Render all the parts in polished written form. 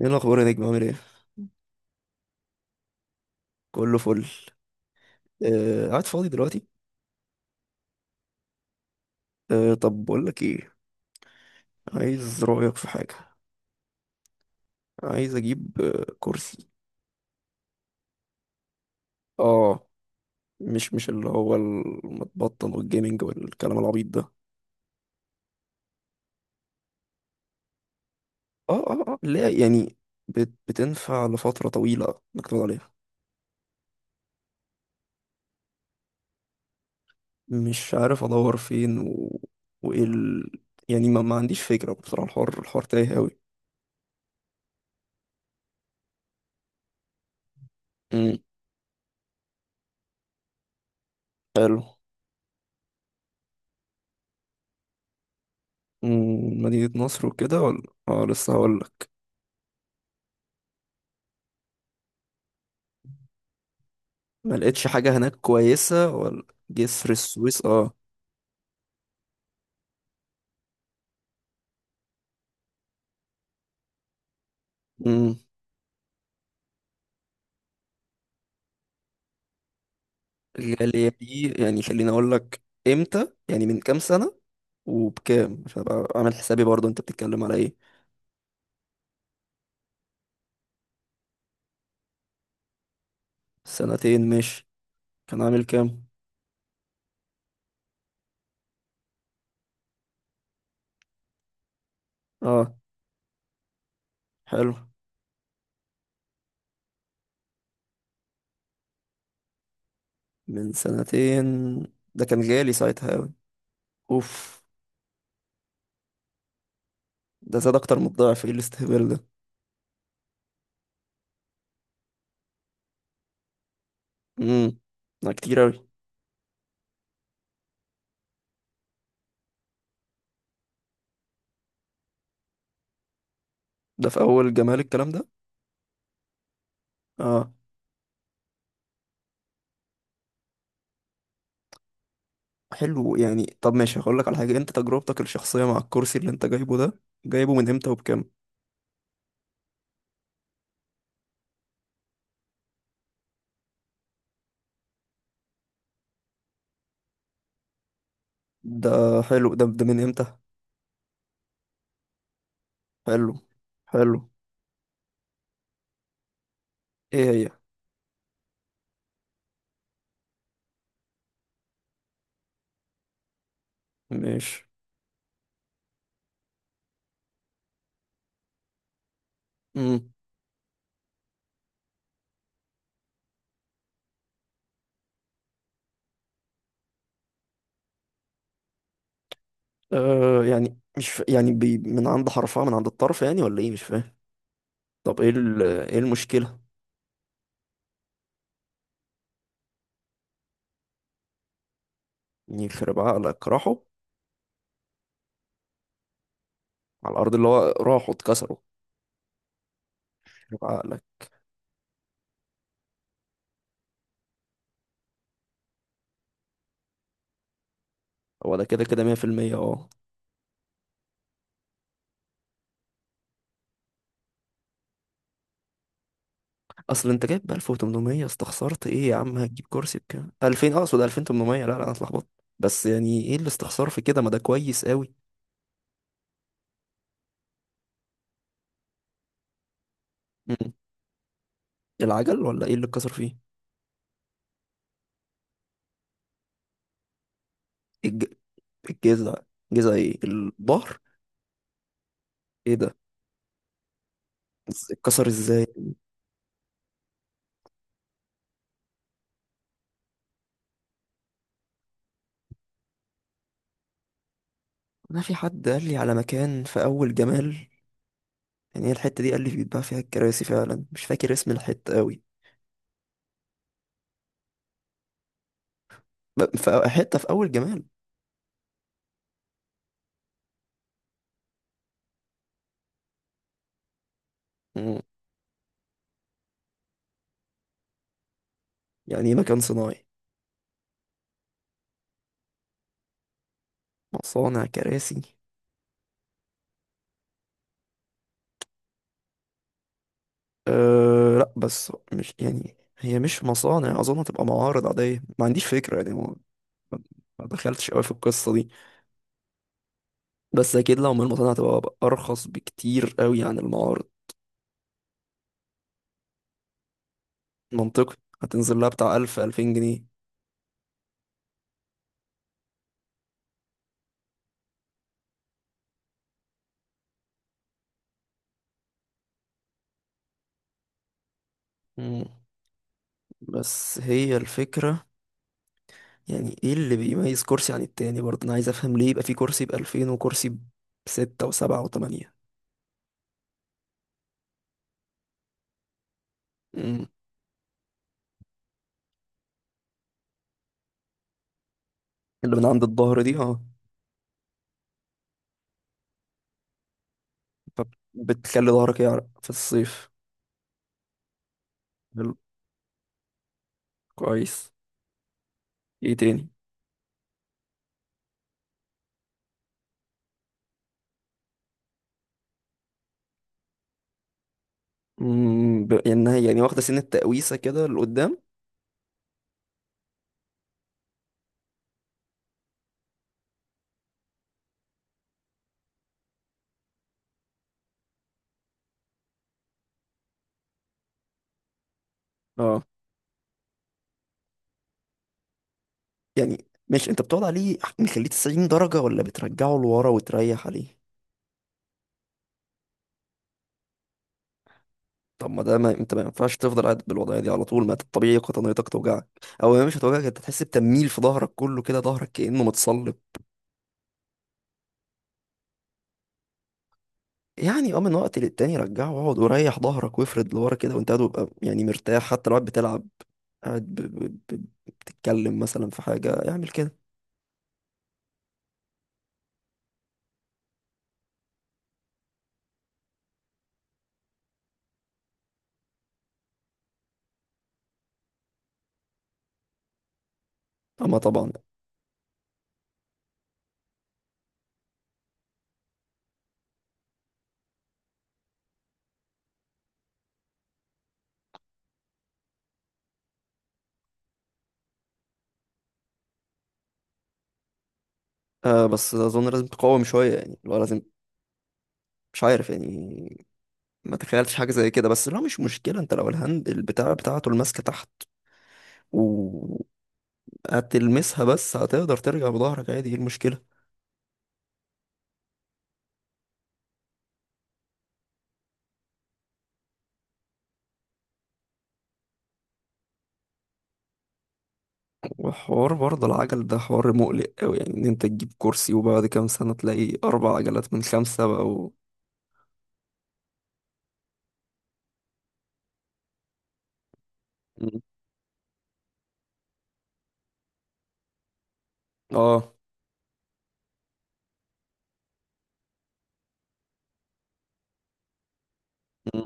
ايه الاخبار يا نجم؟ عامل ايه؟ كله فل. آه، قاعد فاضي دلوقتي. آه، طب بقول لك ايه. عايز رايك في حاجه. عايز اجيب كرسي. اه. مش اللي هو المتبطن والجيمنج والكلام العبيط ده. اه، اه، اه، لا يعني بتنفع لفتره طويله انك تقعد عليها. مش عارف ادور فين وايه ال... يعني ما عنديش فكره بصراحه، الحوار تايه قوي. امم. حلو. مدينه نصر وكده، ولا؟ اه، لسه هقول. ما لقيتش حاجة هناك كويسة، ولا؟ جسر السويس، اه. امم. غالية دي؟ يعني خليني اقول لك، امتى يعني؟ من كام سنة؟ وبكام؟ عشان ابقى عامل حسابي برضه، انت بتتكلم على ايه؟ سنتين، ماشي. كان عامل كام؟ اه، حلو. من سنتين؟ ده كان غالي ساعتها اوي. اوف. ده زاد اكتر من الضعف، ايه الاستهبال ده؟ امم. ده كتير اوي. ده في اول جمال الكلام ده. اه. حلو. يعني طب ماشي، هقول لك على حاجة. انت تجربتك الشخصية مع الكرسي اللي انت جايبه ده، جايبه من امتى وبكام؟ ده حلو. ده من امتى؟ حلو حلو. ايه هي؟ ماشي. امم. يعني مش ف... يعني من عند حرفها، من عند الطرف يعني، ولا ايه؟ مش فاهم. طب ايه ايه المشكلة؟ يخرب عقلك، راحوا. على الارض. اللي هو راحوا اتكسروا. يخرب عقلك. هو ده، كده كده 100%، اه. اصل انت جايب ب 1800، استخسرت ايه يا عم؟ هتجيب كرسي بكام؟ 2000، اقصد 2800، لا لا انا اتلخبطت. بس يعني ايه الاستخسار في كده؟ ما ده كويس قوي. مم. العجل، ولا ايه اللي اتكسر فيه؟ الج... الجذع؟ جذع ايه، الظهر؟ ايه ده؟ اتكسر ازاي؟ انا في حد قال لي على مكان في اول جمال، يعني هي الحته دي قال لي بيتباع فيها الكراسي فعلا. مش فاكر اسم الحته قوي. في حته في اول جمال. مم. يعني ايه مكان صناعي؟ مصانع كراسي؟ أه، لا، بس مش يعني هي مش مصانع، اظن هتبقى معارض عاديه. ما عنديش فكره يعني، ما دخلتش قوي في القصه دي. بس اكيد لو من المصانع هتبقى ارخص بكتير قوي عن المعارض. منطقي. هتنزل لها بتاع 1000، 2000 جنيه. مم. بس هي الفكره. يعني ايه اللي بيميز كرسي عن التاني برضه؟ انا عايز افهم ليه يبقى في كرسي ب 2000 وكرسي بستة وسبعة وتمانية. مم. اللي من عند الظهر دي؟ اه. فبتخلي ظهرك يعرق في الصيف. حلو. كويس. ايه تاني؟ انها يعني واخده سن التقويسه كده لقدام. اه. يعني ماشي، انت بتقعد عليه مخليه 90 درجه، ولا بترجعه لورا وتريح عليه؟ طب ما ده، ما انت ما ينفعش تفضل قاعد بالوضعيه دي على طول. ما انت الطبيعي قطنيتك توجعك، او هي مش هتوجعك، انت تحس بتميل في ظهرك كله كده، ظهرك كانه متصلب. يعني اه، من وقت للتاني رجعه واقعد وريح ظهرك وافرد لورا كده وانت قاعد، وابقى يعني مرتاح حتى لو قاعد بتلعب، قاعد بتتكلم مثلا في حاجه، اعمل كده. اما طبعا. بس اظن لازم تقاوم شويه، يعني لو لازم. مش عارف يعني، ما تخيلتش حاجة زي كده. بس لا، مش مشكلة. انت لو الهاندل بتاع بتاعته الماسكة تحت وهتلمسها، بس هتقدر ترجع بظهرك عادي. ايه المشكلة؟ وحوار برضه العجل ده حوار مقلق أوي، يعني ان انت تجيب كرسي وبعد كام سنة تلاقي أربع عجلات من خمسة بقوا. مم. اه. مم.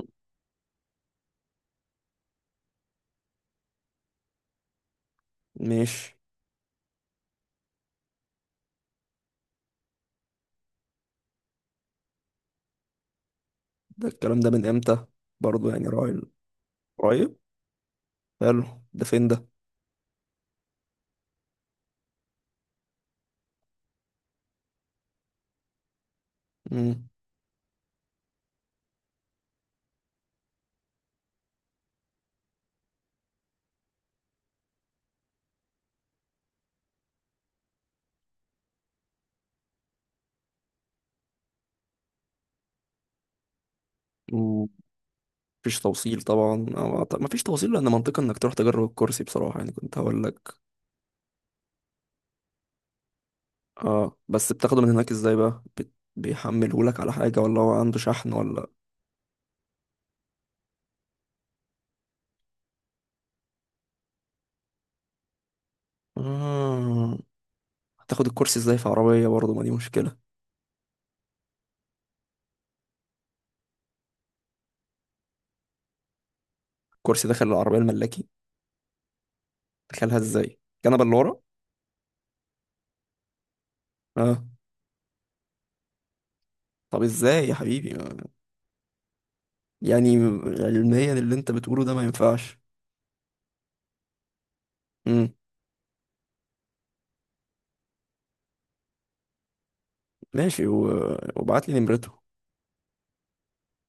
ماشي. ده الكلام ده من امتى؟ برضه يعني راعي. قريب؟ حلو. ده فين ده؟ مم. مم. مفيش توصيل طبعا، أو مفيش توصيل، لأن منطقي إنك تروح تجرب الكرسي بصراحة، يعني كنت هقول لك. اه، بس بتاخده من هناك ازاي بقى؟ بيحمله لك على حاجة، ولا هو عنده شحن ولا؟ آه. هتاخد الكرسي ازاي في عربية برضه؟ ما دي مشكلة. الكرسي داخل العربية الملاكي؟ دخلها ازاي، الكنبة اللي ورا؟ اه. طب ازاي يا حبيبي، يعني علميا اللي انت بتقوله ده ما ينفعش. امم. ماشي، وابعت لي نمرته.